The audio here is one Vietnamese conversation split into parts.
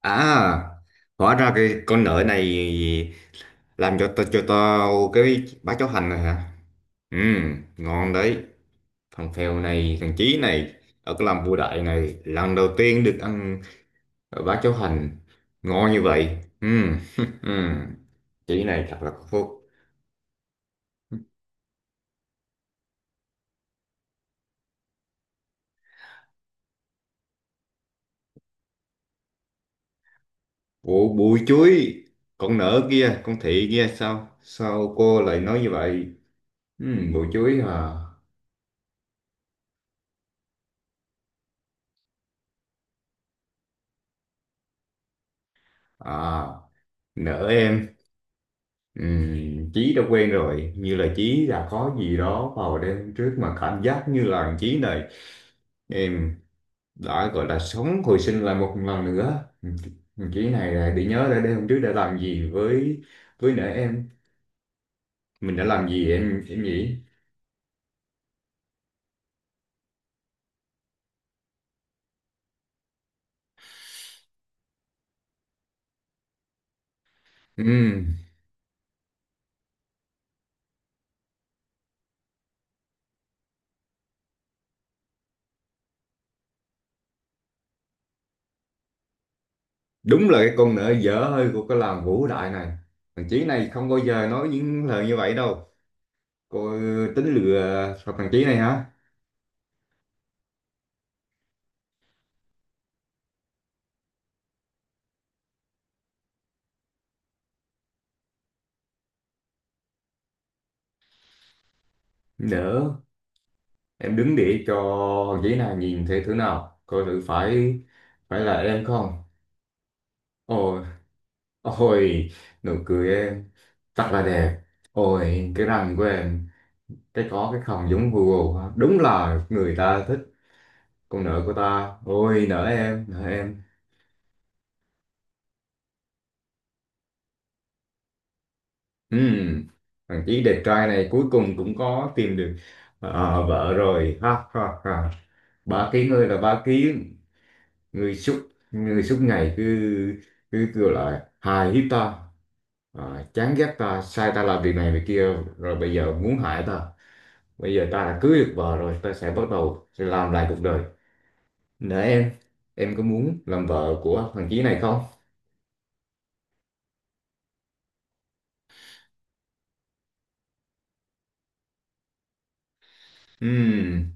À, hóa ra cái con nợ này làm cho tao cái bá cháo hành này hả? Ừ, ngon đấy. Thằng Phèo này, thằng Chí này, ở cái làm vua đại này, lần đầu tiên được ăn bá cháo hành ngon như vậy. Ừ, ừ. Chí này thật là có phúc. Ủa, bụi chuối, con nợ kia, con thị kia sao? Sao cô lại nói như vậy? Ừ, bụi chuối à? À, nợ em. Ừ, Chí đã quen rồi như là Chí đã có gì đó vào đêm trước mà cảm giác như là Chí này em đã gọi là sống hồi sinh lại một lần nữa. Ừ, Chí này là để nhớ ra đêm hôm trước đã làm gì với nợ em, mình đã làm gì, em nghĩ ừ, đúng là cái con nợ dở hơi của cái làng Vũ Đại này. Thằng Chí này không bao giờ nói những lời như vậy đâu. Cô tính lừa thằng Chí này hả? Nỡ, em đứng để cho ghế nào nhìn thấy thứ nào coi thử phải phải là em không? Ôi, ôi, nụ cười em thật là đẹp, ôi cái răng của em, cái có cái khòng giống Google ha. Đúng là người ta thích con nợ của ta, ôi nợ em, nợ em. Ừm, thằng chí đẹp trai này cuối cùng cũng có tìm được ờ, vợ rồi, ha ha ha. Ba ký ngươi là ba ký, người suốt người suốt ngày cứ cứ kêu là hài hiếp ta, à, chán ghét ta, sai ta làm việc này việc kia, rồi bây giờ muốn hại ta. Bây giờ ta đã cưới được vợ rồi, ta sẽ bắt đầu sẽ làm lại cuộc đời. Nè em có muốn làm vợ của thằng chí này không? Ừm,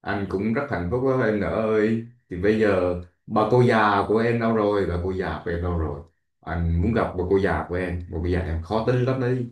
anh cũng rất hạnh phúc đó em, nữa ơi thì bây giờ bà cô già của em đâu rồi bà cô già của em đâu rồi Anh muốn gặp bà cô già của em, bà cô già em khó tính lắm đấy.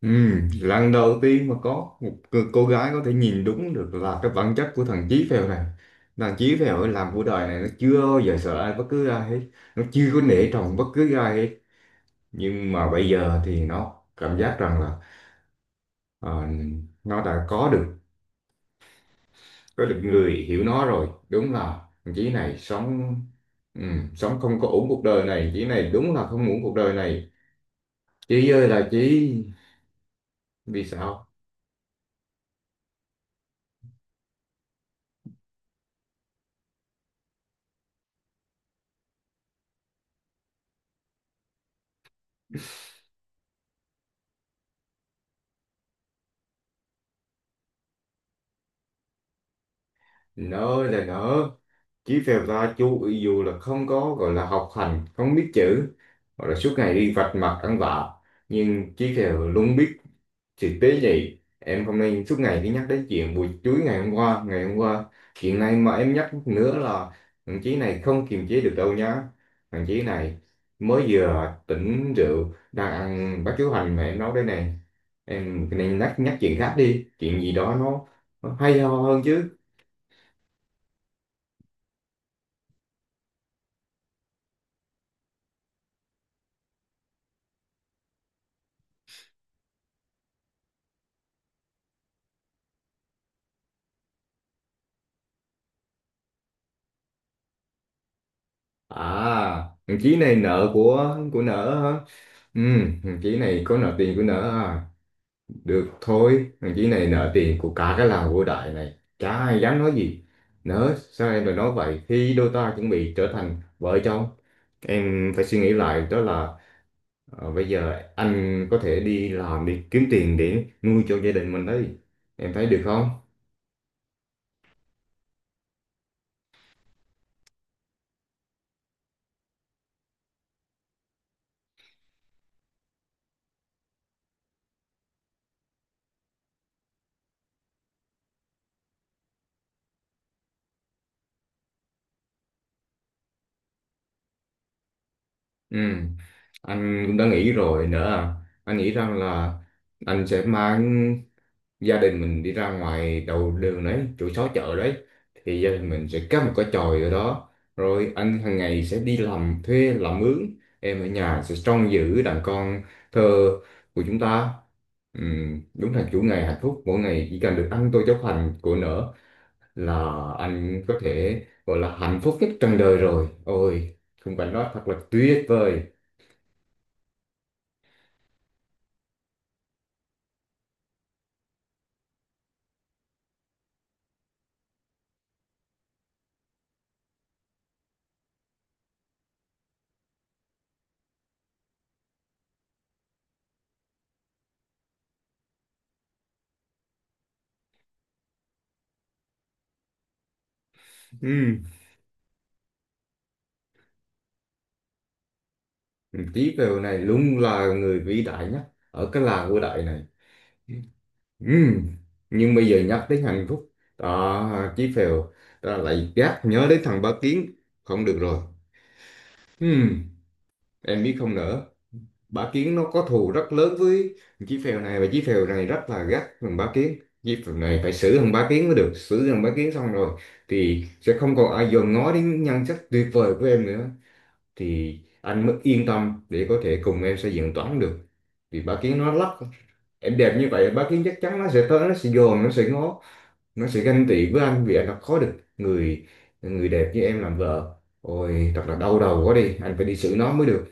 Ừ, lần đầu tiên mà có một cô gái có thể nhìn đúng được là cái bản chất của thằng Chí Phèo này. Thằng Chí Phèo ấy làm cuộc đời này nó chưa bao giờ sợ ai, bất cứ ai hết. Nó chưa có nể trọng bất cứ ai hết. Nhưng mà bây giờ thì nó cảm giác rằng là ờ, nó đã có được người hiểu nó rồi. Đúng là thằng Chí này sống ừ, sống không có ổn cuộc đời này. Chí này đúng là không ổn cuộc đời này. Chí ơi là Chí. Vì sao? Nỡ là nỡ. Chí phèo ta chú ví dụ là không có gọi là học hành, không biết chữ, gọi là suốt ngày đi vạch mặt ăn vạ, nhưng chí phèo luôn biết sự tế nhị. Em không nên suốt ngày đi nhắc đến chuyện buổi chuối ngày hôm qua. Chuyện này mà em nhắc nữa là thằng Chí này không kiềm chế được đâu nhá. Thằng Chí này mới vừa tỉnh rượu, đang ăn bát cháo hành mà em nấu đây này. Em nên nhắc nhắc chuyện khác đi, chuyện gì đó nó hay ho hơn chứ. À, thằng Chí này nợ của nợ hả? Ừ, thằng Chí này có nợ tiền của nợ à? Được thôi, thằng Chí này nợ tiền của cả cái làng vô đại này. Chả ai dám nói gì. Nỡ, sao em lại nói vậy? Khi đôi ta chuẩn bị trở thành vợ chồng, em phải suy nghĩ lại, đó là ờ, bây giờ anh có thể đi làm đi kiếm tiền để nuôi cho gia đình mình đấy. Em thấy được không? Ừ, anh cũng đã nghĩ rồi nữa à. Anh nghĩ rằng là anh sẽ mang gia đình mình đi ra ngoài đầu đường đấy, chỗ xó chợ đấy, thì gia đình mình sẽ cắm một cái chòi ở đó, rồi anh hàng ngày sẽ đi làm thuê làm mướn, em ở nhà sẽ trông giữ đàn con thơ của chúng ta. Đúng là chủ ngày hạnh phúc, mỗi ngày chỉ cần được ăn tô cháo hành của nở là anh có thể gọi là hạnh phúc nhất trần đời rồi. Ôi khung cảnh đó thật là tuyệt vời. Ừm, Tí Tý Phèo này luôn là người vĩ đại nhất ở cái làng vĩ đại này. Ừm, Nhưng bây giờ nhắc đến Hàn Phúc đó, Chí Phèo ta lại gác nhớ đến thằng Bá Kiến, không được rồi. Ừm, em biết không nữa, Bá Kiến nó có thù rất lớn với Chí Phèo này, và Chí Phèo này rất là gắt thằng Bá Kiến. Chí Phèo này phải xử thằng Bá Kiến mới được, xử thằng Bá Kiến xong rồi thì sẽ không còn ai dòm ngó đến nhan sắc tuyệt vời của em nữa, thì anh mới yên tâm để có thể cùng em xây dựng toán được. Vì Bá Kiến nó lắc, em đẹp như vậy Bá Kiến chắc chắn nó sẽ tới, nó sẽ dòm, nó sẽ ngó, nó sẽ ganh tị với anh vì anh đã có được người người đẹp như em làm vợ. Ôi thật là đau đầu quá đi, anh phải đi xử nó mới được.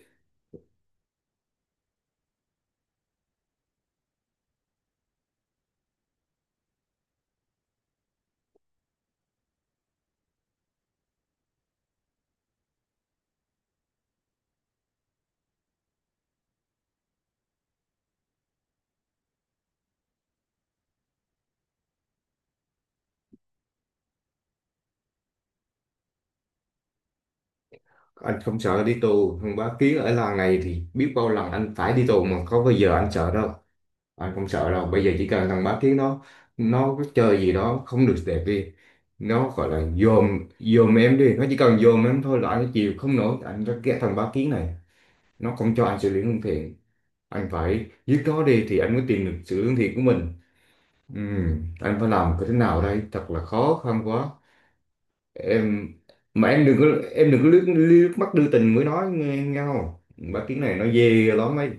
Anh không sợ đi tù không, bá kiến ở làng này thì biết bao lần anh phải đi tù mà có bao giờ anh sợ đâu. Anh không sợ đâu, bây giờ chỉ cần thằng bá kiến nó có chơi gì đó không được đẹp đi, nó gọi là dòm dòm em đi, nó chỉ cần dòm em thôi là anh chịu không nổi. Anh rất ghét thằng bá kiến này, nó không cho anh xử lý lương thiện. Anh phải giết nó đi thì anh mới tìm được sự lương thiện của mình. Ừ, anh phải làm cái thế nào đây, thật là khó khăn quá. Em mà em đừng có liếc mắt đưa tình mới nói nghe nhau, bác tiếng này nó ghê lắm ấy.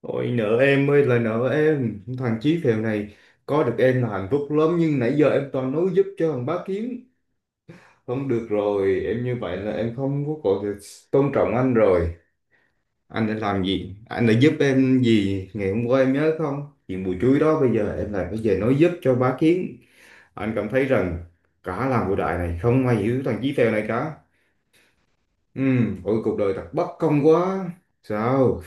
Ôi nợ em ơi là nợ em, thằng Chí phèo này có được em là hạnh phúc lắm, nhưng nãy giờ em toàn nói giúp cho thằng bác kiến, không được rồi. Em như vậy là em không có còn được tôn trọng anh rồi. Anh đã làm gì, anh đã giúp em gì ngày hôm qua em nhớ không, chuyện bùi chuối đó, bây giờ em lại bây giờ nói giúp cho bá kiến. Anh cảm thấy rằng cả làng cổ đại này không ai hiểu thằng Chí Phèo này cả. Ừ, ôi cuộc đời thật bất công quá. Sao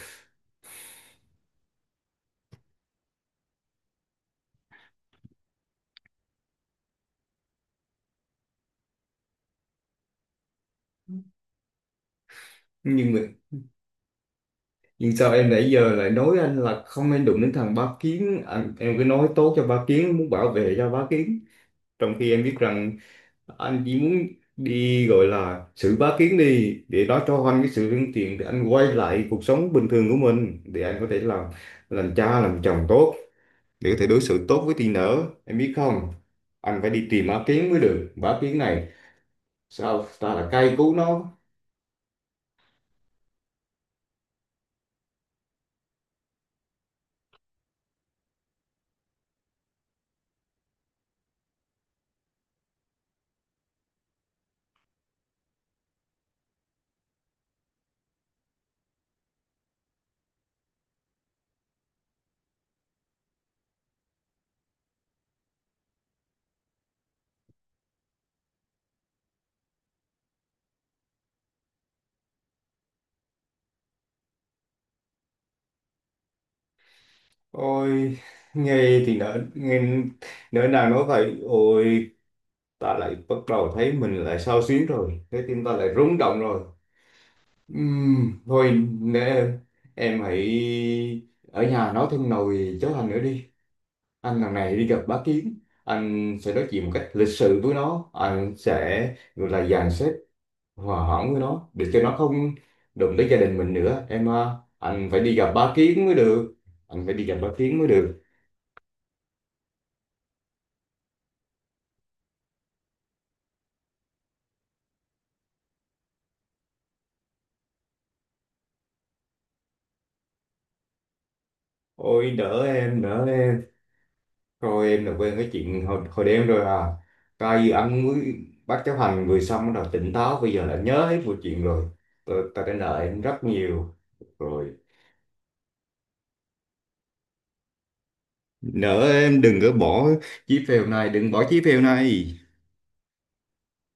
nhưng mà, nhưng sao em nãy giờ lại nói anh là không nên đụng đến thằng Bá Kiến, anh, em cứ nói tốt cho Bá Kiến, muốn bảo vệ cho Bá Kiến, trong khi em biết rằng anh chỉ muốn đi gọi là xử Bá Kiến đi, để nó cho anh cái sự lương thiện, để anh quay lại cuộc sống bình thường của mình, để anh có thể làm cha làm chồng tốt, để có thể đối xử tốt với teen nữa, em biết không? Anh phải đi tìm á kiến mới được, bá kiến này sao ta là cay cú nó. Ôi nghe thì nỡ nghe, nỡ nào nói vậy. Ôi ta lại bắt đầu thấy mình lại xao xuyến rồi, trái tim ta lại rung động rồi. Thôi nè em hãy ở nhà nói thêm nồi cháo hành nữa đi. Anh lần này đi gặp bá kiến, anh sẽ nói chuyện một cách lịch sự với nó, anh sẽ gọi là dàn xếp, hòa hỏng với nó để cho nó không đụng tới gia đình mình nữa, em à, anh phải đi gặp bá kiến mới được anh phải đi gặp bá kiến mới được Ôi đỡ em, đỡ em, rồi em là quên cái chuyện hồi đêm rồi à? Coi như anh mới bác chấp hành vừa xong rồi tỉnh táo, bây giờ là nhớ hết mọi chuyện rồi. Tôi đã nợ em rất nhiều rồi. Nợ em đừng có bỏ chí phèo này, đừng bỏ chí phèo này.